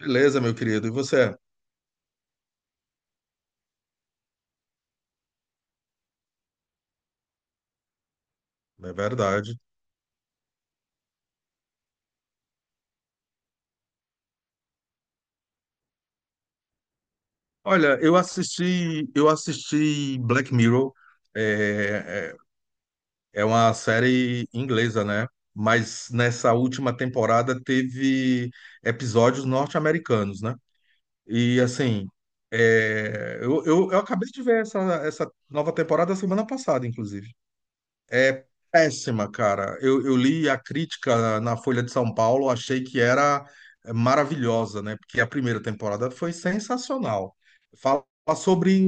Beleza, meu querido. E você? É verdade. Olha, eu assisti Black Mirror. É, é uma série inglesa, né? Mas nessa última temporada teve episódios norte-americanos, né? E assim, eu acabei de ver essa nova temporada semana passada, inclusive. É péssima, cara. Eu li a crítica na Folha de São Paulo, achei que era maravilhosa, né? Porque a primeira temporada foi sensacional. Fala sobre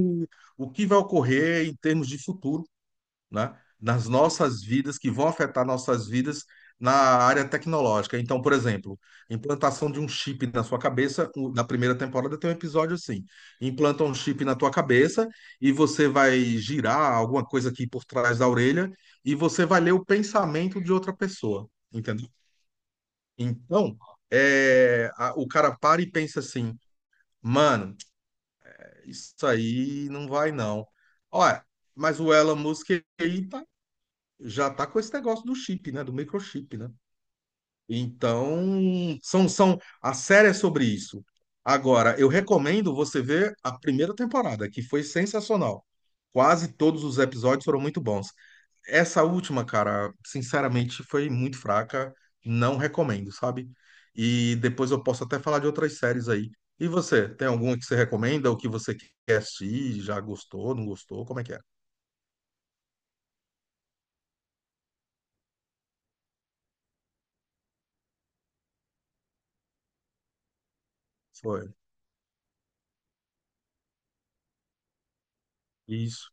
o que vai ocorrer em termos de futuro, né, nas nossas vidas, que vão afetar nossas vidas na área tecnológica. Então, por exemplo, implantação de um chip na sua cabeça, na primeira temporada tem um episódio assim, implanta um chip na tua cabeça e você vai girar alguma coisa aqui por trás da orelha e você vai ler o pensamento de outra pessoa, entendeu? Então, o cara para e pensa assim, mano, isso aí não vai não. Olha, mas o Elon Musk aí tá, já tá com esse negócio do chip, né? Do microchip, né? Então, a série é sobre isso. Agora, eu recomendo você ver a primeira temporada, que foi sensacional. Quase todos os episódios foram muito bons. Essa última, cara, sinceramente, foi muito fraca. Não recomendo, sabe? E depois eu posso até falar de outras séries aí. E você, tem alguma que você recomenda ou que você quer assistir? Já gostou, não gostou? Como é que é? Foi. Isso.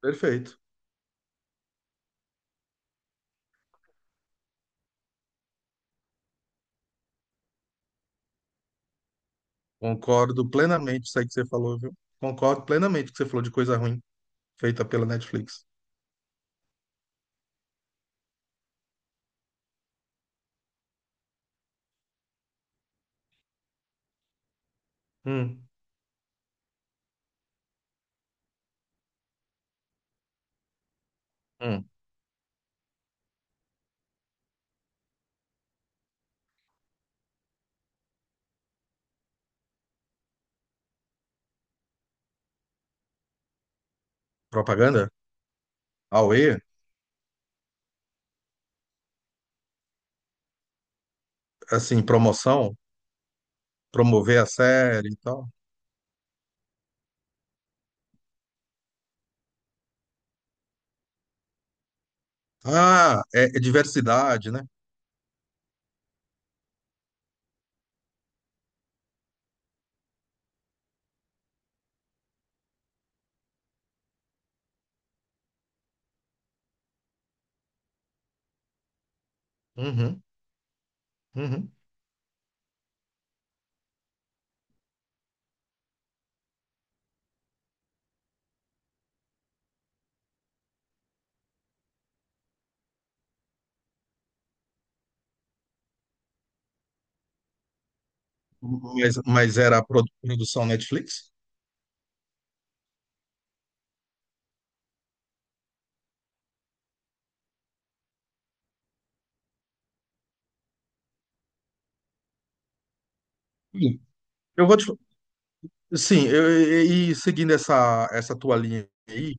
Perfeito. Concordo plenamente com isso aí que você falou, viu? Concordo plenamente com o que você falou de coisa ruim feita pela Netflix. Hum, hum. Propaganda? Auê? Assim, promoção? Promover a série e tal? Ah, é, é diversidade, né? Uhum, uhum. Mas era a produção Netflix? Sim. Eu vou te, Sim, eu- e seguindo essa tua linha aí,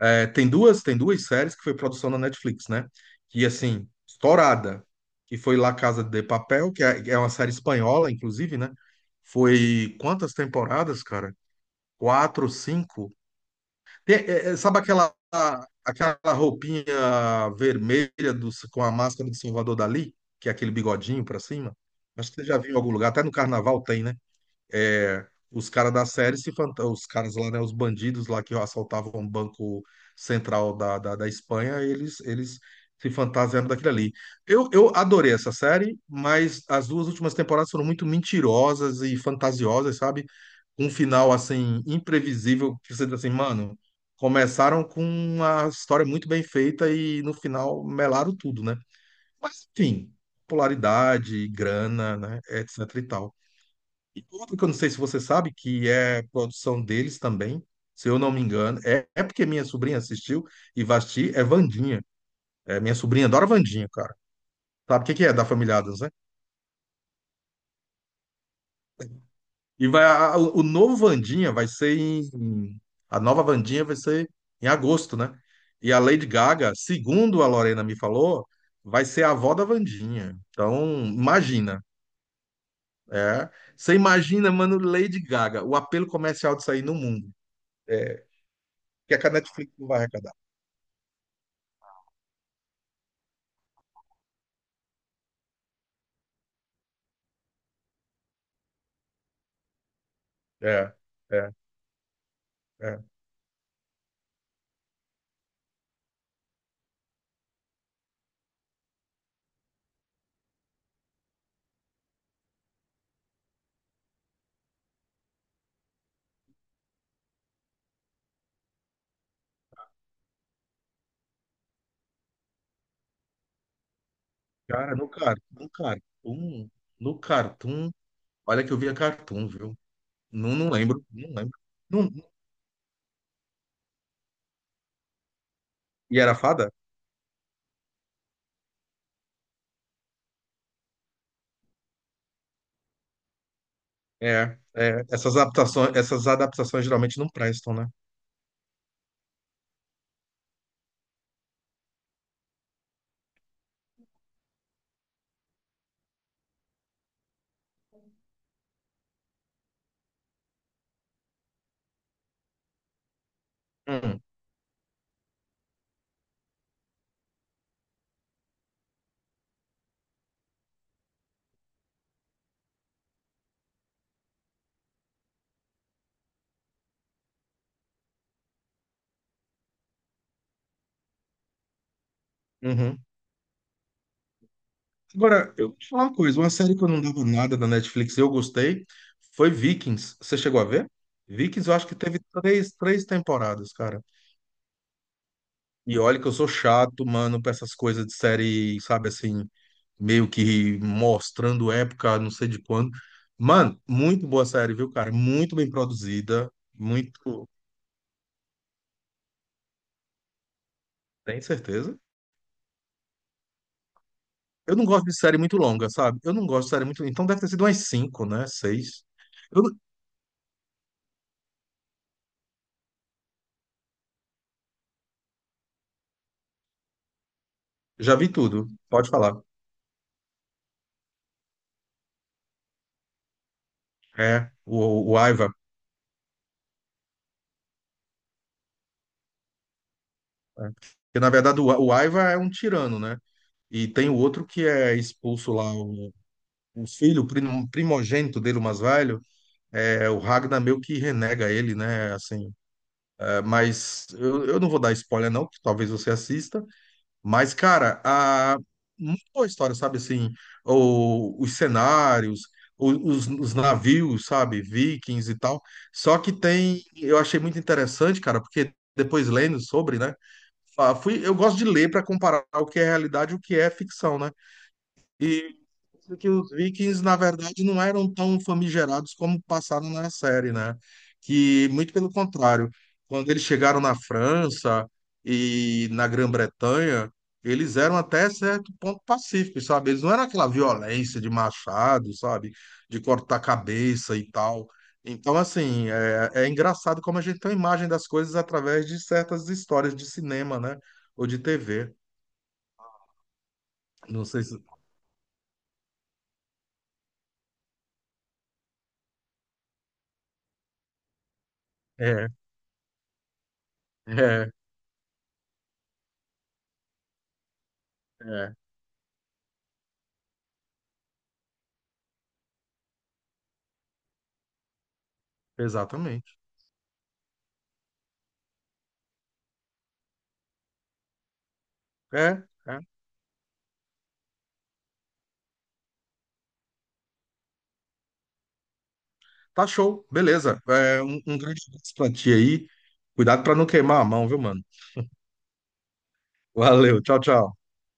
tem duas séries que foi produção da Netflix, né? Que, assim, estourada, que foi La Casa de Papel, que é uma série espanhola, inclusive, né? Foi quantas temporadas, cara? Quatro, cinco? É, sabe aquela roupinha vermelha do, com a máscara de Salvador Dali? Que é aquele bigodinho pra cima? Acho que você já viu em algum lugar, até no carnaval tem, né? É, os caras da série se fanta- os caras lá, né, os bandidos lá que assaltavam o Banco Central da Espanha, eles se fantasiaram daquilo ali. Eu adorei essa série, mas as duas últimas temporadas foram muito mentirosas e fantasiosas, sabe? Um final assim imprevisível que você diz assim, mano, começaram com uma história muito bem feita e no final melaram tudo, né? Mas enfim, popularidade, grana, né, etc e tal. E outro que eu não sei se você sabe, que é produção deles também, se eu não me engano, é porque minha sobrinha assistiu e vai assistir, é Vandinha. É, minha sobrinha adora Vandinha, cara. Sabe o que que é da família Addams, né? E vai, o novo Vandinha vai ser em. A nova Vandinha vai ser em agosto, né? E a Lady Gaga, segundo a Lorena me falou, vai ser a avó da Vandinha. Então, imagina. É. Você imagina, mano, Lady Gaga, o apelo comercial disso aí no mundo. Que é que a Netflix não vai... É, é, é. Cara, no Cartoon, olha que eu via Cartoon, viu? Não lembro. Não- e era fada? É. Essas essas adaptações geralmente não prestam, né? Hum, uhum. Agora, eu vou te falar uma coisa, uma série que eu não dava nada da Netflix e eu gostei foi Vikings. Você chegou a ver? Vikings, eu acho que teve três temporadas, cara. E olha que eu sou chato, mano, pra essas coisas de série, sabe assim, meio que mostrando época, não sei de quando. Mano, muito boa série, viu, cara? Muito bem produzida, muito. Tem certeza? Eu não gosto de série muito longa, sabe? Eu não gosto de série muito. Então deve ter sido umas cinco, né? Seis. Eu não- já vi tudo, pode falar. É, o Aiva. É. Porque, na verdade, o Aiva é um tirano, né? E tem o outro que é expulso lá, o filho, o primogênito dele, o mais velho, o Ragnar meio que renega ele, né? Assim, mas eu não vou dar spoiler, não, que talvez você assista. Mas, cara, a, muito boa história, sabe? Assim, o, os cenários, os navios, sabe? Vikings e tal. Só que tem, eu achei muito interessante, cara, porque depois lendo sobre, né? Ah, fui, eu gosto de ler para comparar o que é realidade e o que é ficção, né? Que os Vikings, na verdade, não eram tão famigerados como passaram na série, né? Que, muito pelo contrário, quando eles chegaram na França e na Grã-Bretanha, eles eram até certo ponto pacíficos, sabe? Eles não eram aquela violência de machado, sabe? De cortar a cabeça e tal. Então, assim, é engraçado como a gente tem uma imagem das coisas através de certas histórias de cinema, né? Ou de TV. Não sei se. É, é, é, exatamente. É, é. Tá show, beleza. É, um grande abraço pra ti aí. Cuidado pra não queimar a mão, viu, mano? Valeu, tchau, tchau.